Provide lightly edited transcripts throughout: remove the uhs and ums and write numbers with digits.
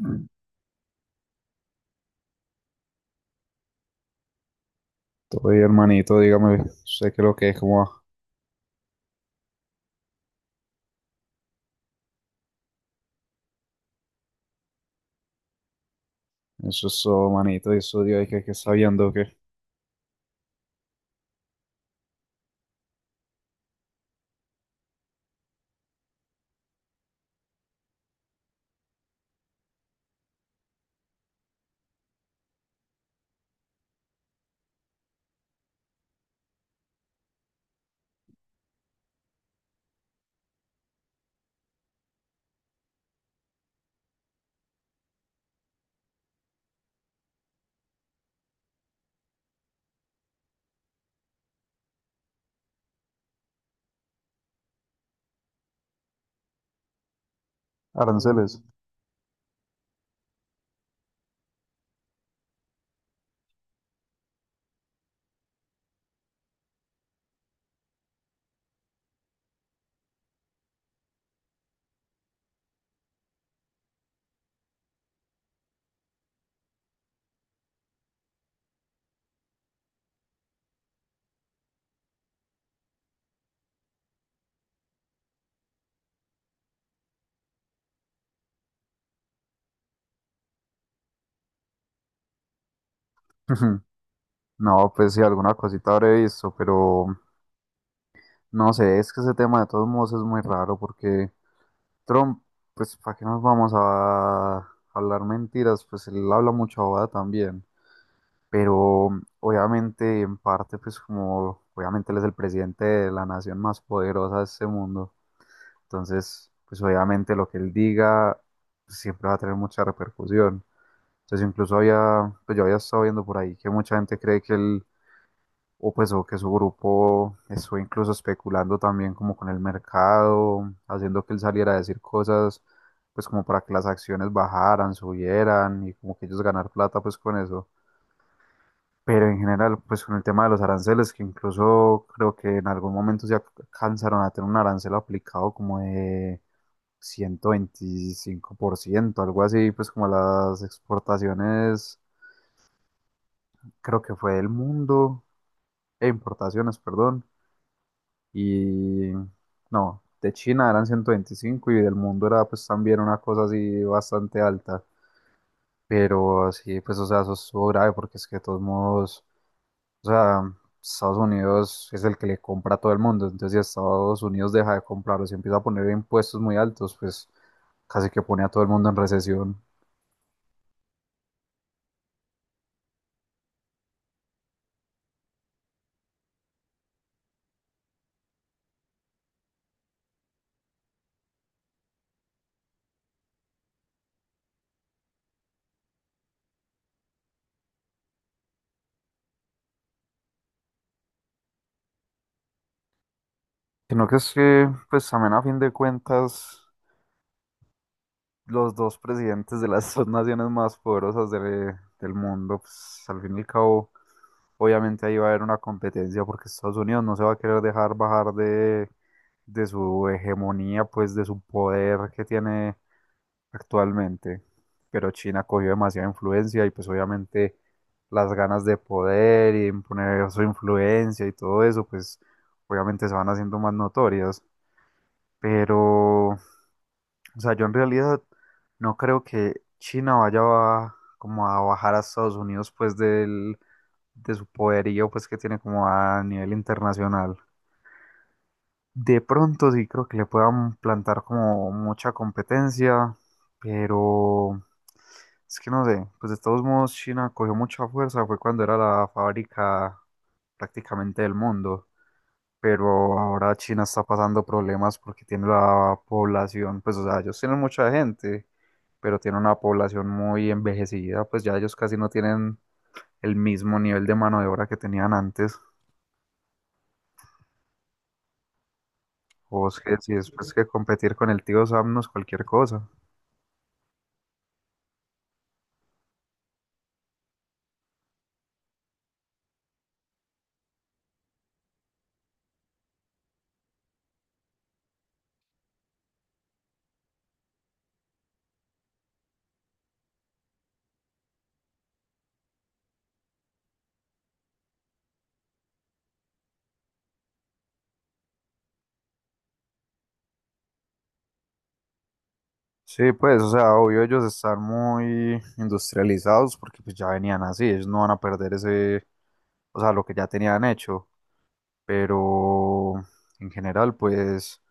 Mm. Todo bien, hermanito, dígame, sé que lo que es como eso, eso, manito, y eso, Dios, que está viendo que aranceles. Ujú. No, pues sí, alguna cosita habré visto, pero no sé, es que ese tema de todos modos es muy raro porque Trump, pues, ¿para qué nos vamos a hablar mentiras? Pues él habla mucha bobada también, pero obviamente, en parte, pues, como obviamente él es el presidente de la nación más poderosa de este mundo. Entonces, pues obviamente lo que él diga siempre va a tener mucha repercusión. Entonces, incluso había, pues yo había estado viendo por ahí que mucha gente cree que él, o pues, o que su grupo estuvo incluso especulando también como con el mercado, haciendo que él saliera a decir cosas, pues como para que las acciones bajaran, subieran y como que ellos ganar plata pues con eso. Pero en general, pues con el tema de los aranceles, que incluso creo que en algún momento se alcanzaron a tener un arancel aplicado como de 125% algo así, pues como las exportaciones, creo que fue del mundo, e importaciones, perdón, y no, de China eran 125 y del mundo era pues también una cosa así bastante alta, pero sí, pues o sea, eso estuvo grave porque es que de todos modos, o sea, Estados Unidos es el que le compra a todo el mundo, entonces si Estados Unidos deja de comprarlos y empieza a poner impuestos muy altos, pues casi que pone a todo el mundo en recesión. Sino que es que, pues también a fin de cuentas, los dos presidentes de las dos naciones más poderosas del mundo, pues al fin y al cabo, obviamente ahí va a haber una competencia porque Estados Unidos no se va a querer dejar bajar de su hegemonía, pues de su poder que tiene actualmente. Pero China cogió demasiada influencia y pues obviamente las ganas de poder y imponer su influencia y todo eso, pues obviamente se van haciendo más notorias. Pero, o sea, yo en realidad no creo que China como a bajar a Estados Unidos pues de su poderío pues que tiene como a nivel internacional. De pronto sí creo que le puedan plantar como mucha competencia, pero es que no sé, pues de todos modos China cogió mucha fuerza, fue cuando era la fábrica prácticamente del mundo pero ahora China está pasando problemas porque tiene la población, pues o sea, ellos tienen mucha gente, pero tienen una población muy envejecida, pues ya ellos casi no tienen el mismo nivel de mano de obra que tenían antes. O es que si después que competir con el tío Sam no es cualquier cosa. Sí, pues, o sea, obvio ellos están muy industrializados porque pues ya venían así, ellos no van a perder ese, o sea, lo que ya tenían hecho, pero en general, pues,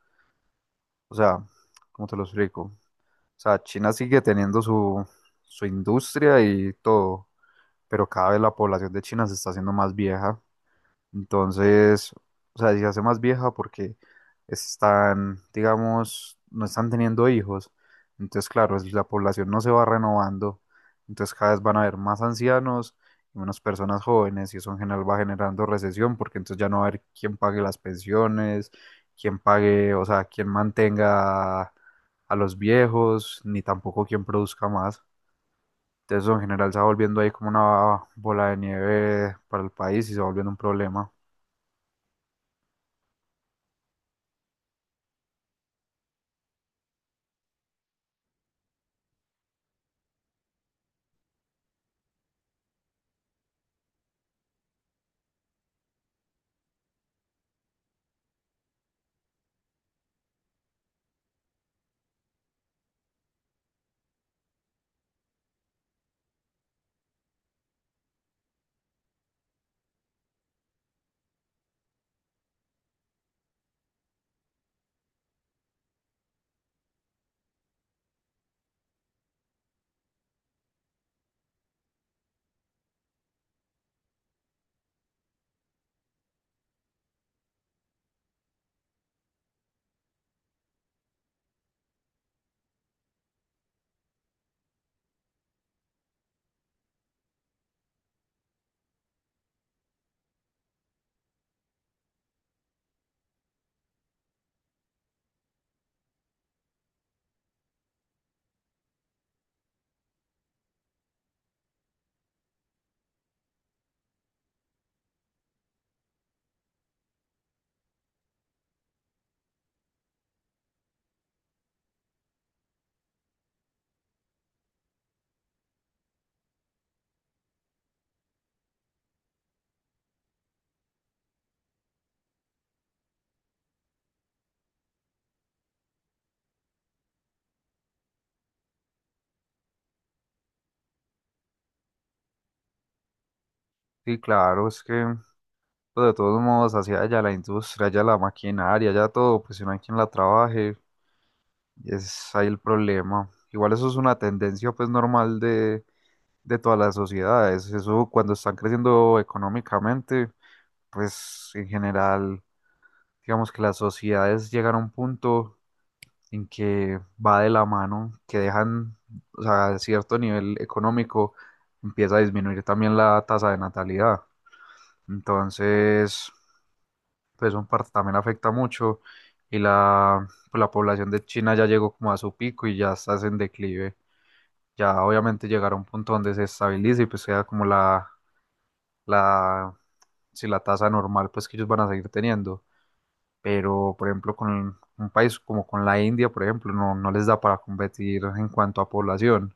o sea, ¿cómo te lo explico? O sea, China sigue teniendo su industria y todo, pero cada vez la población de China se está haciendo más vieja. Entonces, o sea, si se hace más vieja porque están, digamos, no están teniendo hijos. Entonces, claro, la población no se va renovando. Entonces, cada vez van a haber más ancianos y menos personas jóvenes y eso en general va generando recesión porque entonces ya no va a haber quién pague las pensiones, quién pague, o sea, quién mantenga a los viejos, ni tampoco quién produzca más. Entonces, eso en general se va volviendo ahí como una bola de nieve para el país y se va volviendo un problema. Sí, claro, es que pues, de todos modos hacia allá la industria, allá la maquinaria, allá todo, pues si no hay quien la trabaje, es ahí el problema. Igual eso es una tendencia pues normal de todas las sociedades, eso cuando están creciendo económicamente, pues en general, digamos que las sociedades llegan a un punto en que va de la mano, que dejan, o sea, cierto nivel económico empieza a disminuir también la tasa de natalidad. Entonces, pues son parte también afecta mucho y la, pues, la población de China ya llegó como a su pico y ya está en declive. Ya obviamente llegará a un punto donde se estabilice y pues sea como la, si la tasa normal pues que ellos van a seguir teniendo. Pero por ejemplo con un país como con la India, por ejemplo, no, no les da para competir en cuanto a población.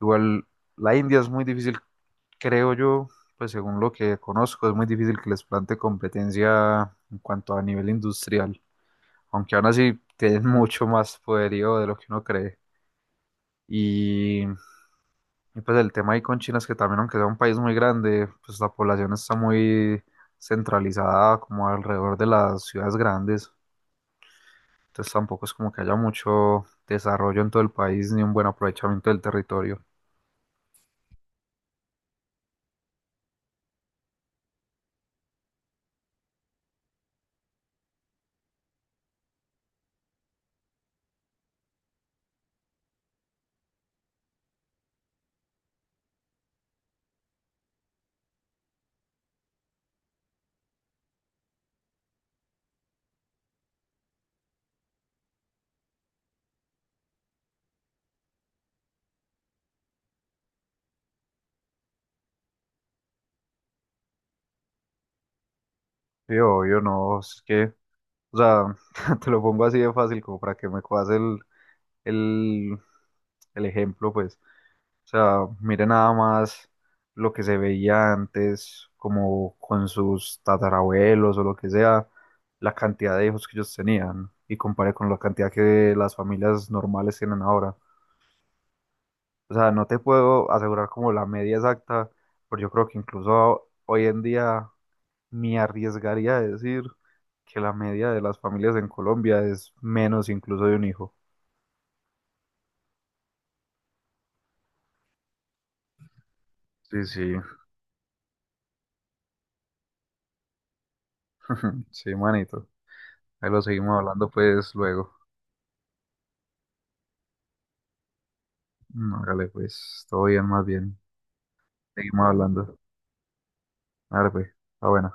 Igual la India es muy difícil, creo yo, pues según lo que conozco, es muy difícil que les plante competencia en cuanto a nivel industrial. Aunque aún así tienen mucho más poderío de lo que uno cree. Y, pues el tema ahí con China es que también, aunque sea un país muy grande, pues la población está muy centralizada como alrededor de las ciudades grandes. Entonces tampoco es como que haya mucho desarrollo en todo el país ni un buen aprovechamiento del territorio. Sí, obvio, no, es que, o sea, te lo pongo así de fácil como para que me cojas el, el ejemplo, pues. O sea, mire nada más lo que se veía antes, como con sus tatarabuelos o lo que sea, la cantidad de hijos que ellos tenían y compare con la cantidad que las familias normales tienen ahora. O sea, no te puedo asegurar como la media exacta, pero yo creo que incluso hoy en día me arriesgaría a decir que la media de las familias en Colombia es menos incluso de un hijo. Sí, sí, sí, manito. Ahí lo seguimos hablando pues luego. No, hágale, pues, todo bien, más bien. Seguimos hablando. Hágale, pues, está buena.